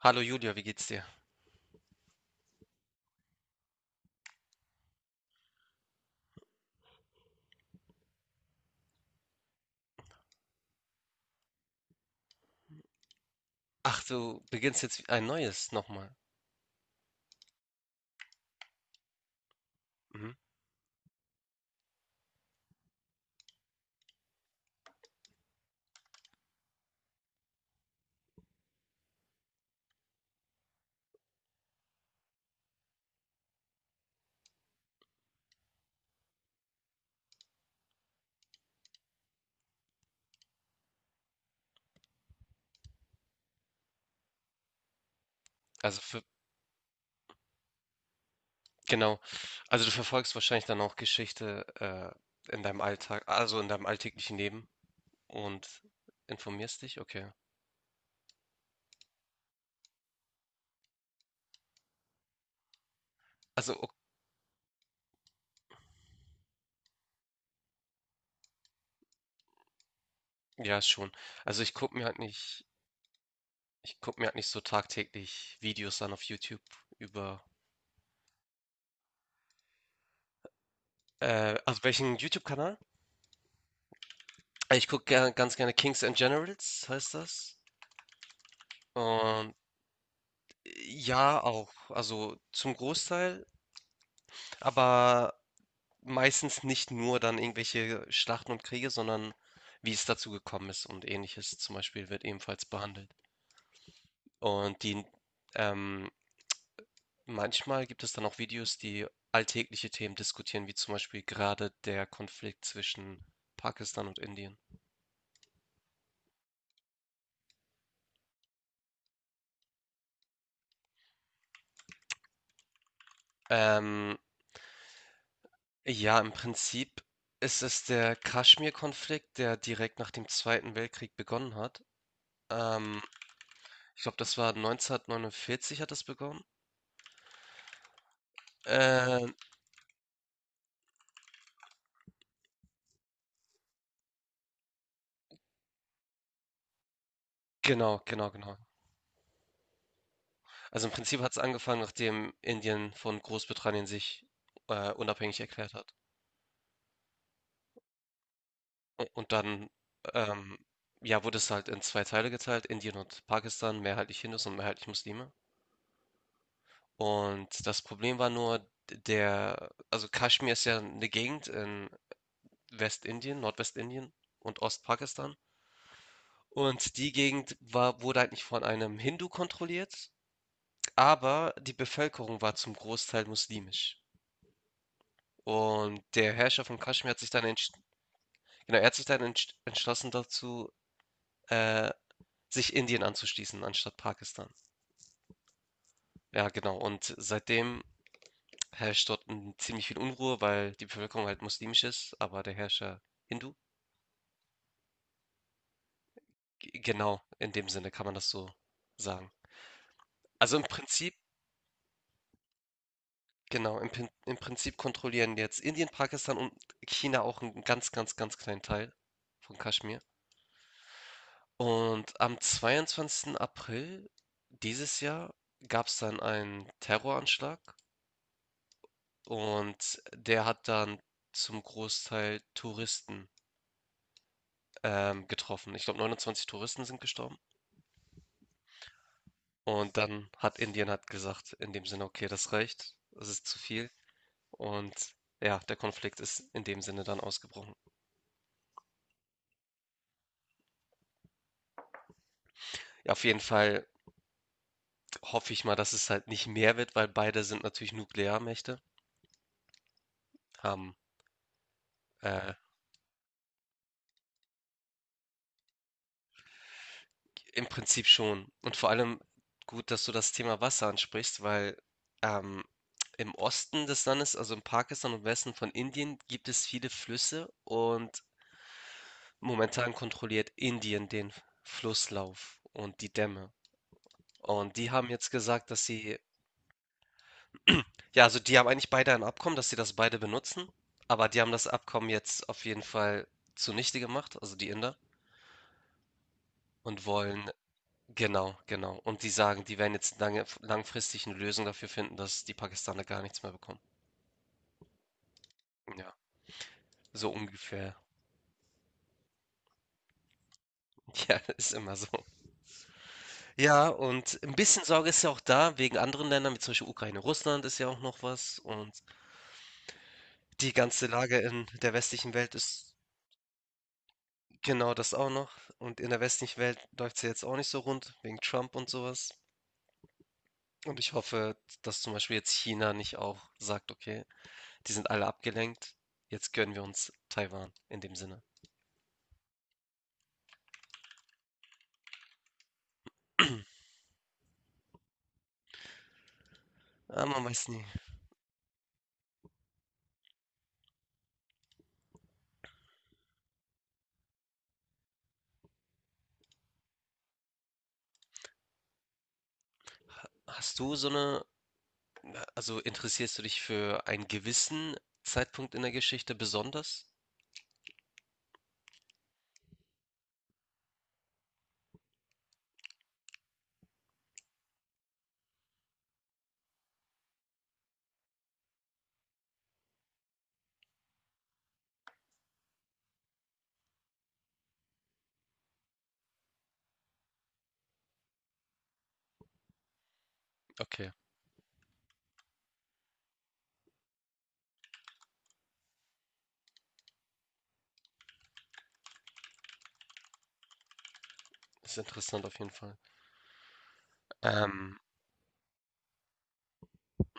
Hallo Julia, wie geht's dir? Ach, du beginnst jetzt ein neues nochmal. Mhm. Also für, genau. Also du verfolgst wahrscheinlich dann auch Geschichte in deinem Alltag, also in deinem alltäglichen Leben und informierst dich? Okay. Also ja, schon. Also ich gucke mir halt nicht, Ich gucke mir halt nicht so tagtäglich Videos an auf YouTube über. Also welchen YouTube-Kanal? Ich gucke ganz gerne Kings and Generals, heißt das. Und ja, auch, also zum Großteil. Aber meistens nicht nur dann irgendwelche Schlachten und Kriege, sondern wie es dazu gekommen ist und Ähnliches zum Beispiel wird ebenfalls behandelt. Und die, ähm, manchmal gibt es dann auch Videos, die alltägliche Themen diskutieren, wie zum Beispiel gerade der Konflikt zwischen Pakistan und Indien. Ähm, ja, im Prinzip ist es der Kaschmir-Konflikt, der direkt nach dem Zweiten Weltkrieg begonnen hat. Ähm, Ich glaube, das war 1949 hat das begonnen. Äh, genau, genau, genau. Also im Prinzip hat es angefangen, nachdem Indien von Großbritannien sich unabhängig erklärt hat. Und dann, ähm, ja, wurde es halt in zwei Teile geteilt, Indien und Pakistan, mehrheitlich Hindus und mehrheitlich Muslime. Und das Problem war nur, der, also Kaschmir ist ja eine Gegend in Westindien, Nordwestindien und Ostpakistan. Und die Gegend war, wurde eigentlich von einem Hindu kontrolliert, aber die Bevölkerung war zum Großteil muslimisch. Und der Herrscher von Kaschmir hat sich dann entschieden, genau, er hat sich dann entschlossen dazu, äh, sich Indien anzuschließen, anstatt Pakistan. Ja, genau. Und seitdem herrscht dort ziemlich viel Unruhe, weil die Bevölkerung halt muslimisch ist, aber der Herrscher Hindu. Genau, in dem Sinne kann man das so sagen. Also im Prinzip, genau, im Prinzip kontrollieren jetzt Indien, Pakistan und China auch einen ganz, ganz, ganz kleinen Teil von Kaschmir. Und am 22. April dieses Jahr gab es dann einen Terroranschlag. Und der hat dann zum Großteil Touristen getroffen. Ich glaube, 29 Touristen sind gestorben. Und dann hat Indien hat gesagt, in dem Sinne, okay, das reicht, das ist zu viel. Und ja, der Konflikt ist in dem Sinne dann ausgebrochen. Ja, auf jeden Fall hoffe ich mal, dass es halt nicht mehr wird, weil beide sind natürlich Nuklearmächte, haben äh, im Prinzip schon. Und vor allem gut, dass du das Thema Wasser ansprichst, weil ähm, im Osten des Landes, also in Pakistan und Westen von Indien, gibt es viele Flüsse und momentan kontrolliert Indien den Flusslauf und die Dämme. Und die haben jetzt gesagt, dass sie, ja, also die haben eigentlich beide ein Abkommen, dass sie das beide benutzen, aber die haben das Abkommen jetzt auf jeden Fall zunichte gemacht, also die Inder, und wollen genau, genau. Und die sagen, die werden jetzt lange, langfristig eine Lösung dafür finden, dass die Pakistaner gar nichts mehr bekommen. Ja, so ungefähr. Ja, ist immer so. Ja, und ein bisschen Sorge ist ja auch da wegen anderen Ländern, wie zum Beispiel Ukraine, Russland ist ja auch noch was. Und die ganze Lage in der westlichen Welt ist genau das auch noch. Und in der westlichen Welt läuft es ja jetzt auch nicht so rund, wegen Trump und sowas. Und ich hoffe, dass zum Beispiel jetzt China nicht auch sagt, okay, die sind alle abgelenkt, jetzt gönnen wir uns Taiwan in dem Sinne. Ah, man weiß nie. Hast du so eine, also interessierst du dich für einen gewissen Zeitpunkt in der Geschichte besonders? Okay, ist interessant auf jeden Fall. Ähm,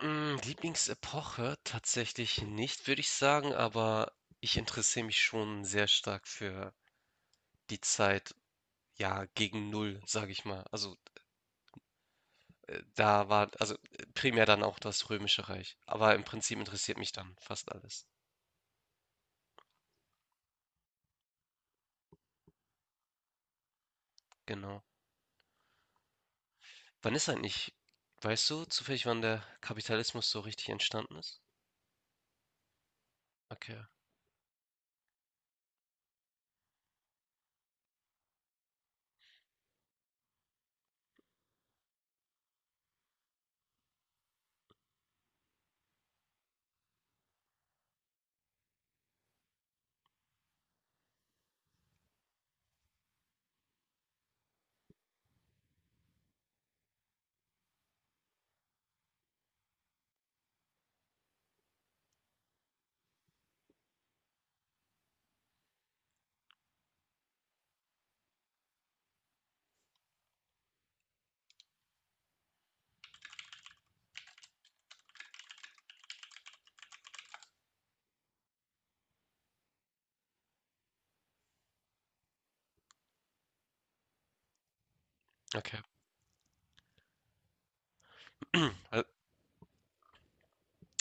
mh, Lieblingsepoche tatsächlich nicht, würde ich sagen, aber ich interessiere mich schon sehr stark für die Zeit, ja, gegen Null, sage ich mal. Also da war, also primär dann auch das Römische Reich. Aber im Prinzip interessiert mich dann fast alles. Genau. Wann ist eigentlich weißt du zufällig, wann der Kapitalismus so richtig entstanden ist? Okay, okay. Weil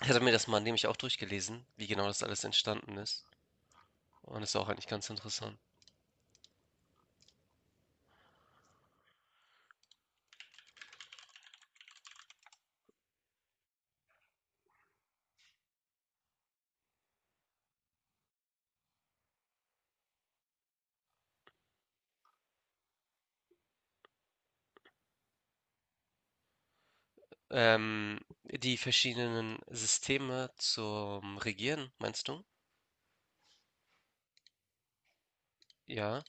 ich hatte mir das mal nämlich auch durchgelesen, wie genau das alles entstanden ist. Und ist auch eigentlich ganz interessant. Die verschiedenen Systeme zum Regieren, meinst du? Ja.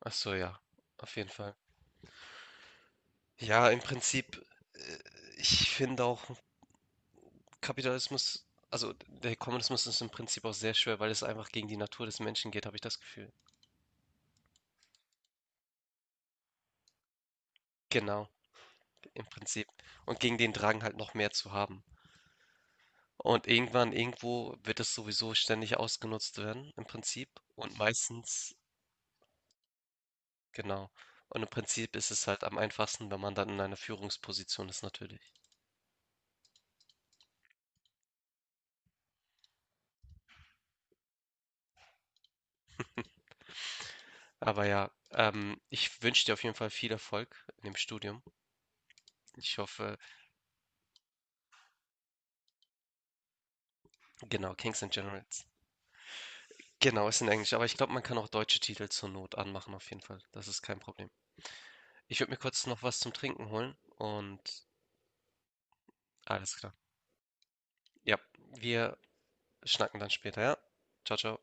Ach so, ja. Auf jeden Fall. Ja, im Prinzip, äh, ich finde auch Kapitalismus, also der Kommunismus ist im Prinzip auch sehr schwer, weil es einfach gegen die Natur des Menschen geht, habe ich das Gefühl. Genau. Im Prinzip. Und gegen den Drang halt noch mehr zu haben. Und irgendwann, irgendwo wird es sowieso ständig ausgenutzt werden, im Prinzip. Und meistens, genau. Und im Prinzip ist es halt am einfachsten, wenn man dann in einer Führungsposition ist, natürlich. Aber ja, ich wünsche dir auf jeden Fall viel Erfolg in dem Studium. Ich hoffe, genau, Kings and Generals. Genau, ist in Englisch, aber ich glaube, man kann auch deutsche Titel zur Not anmachen, auf jeden Fall. Das ist kein Problem. Ich würde mir kurz noch was zum Trinken holen und alles klar. Ja, wir schnacken dann später, ja? Ciao, ciao.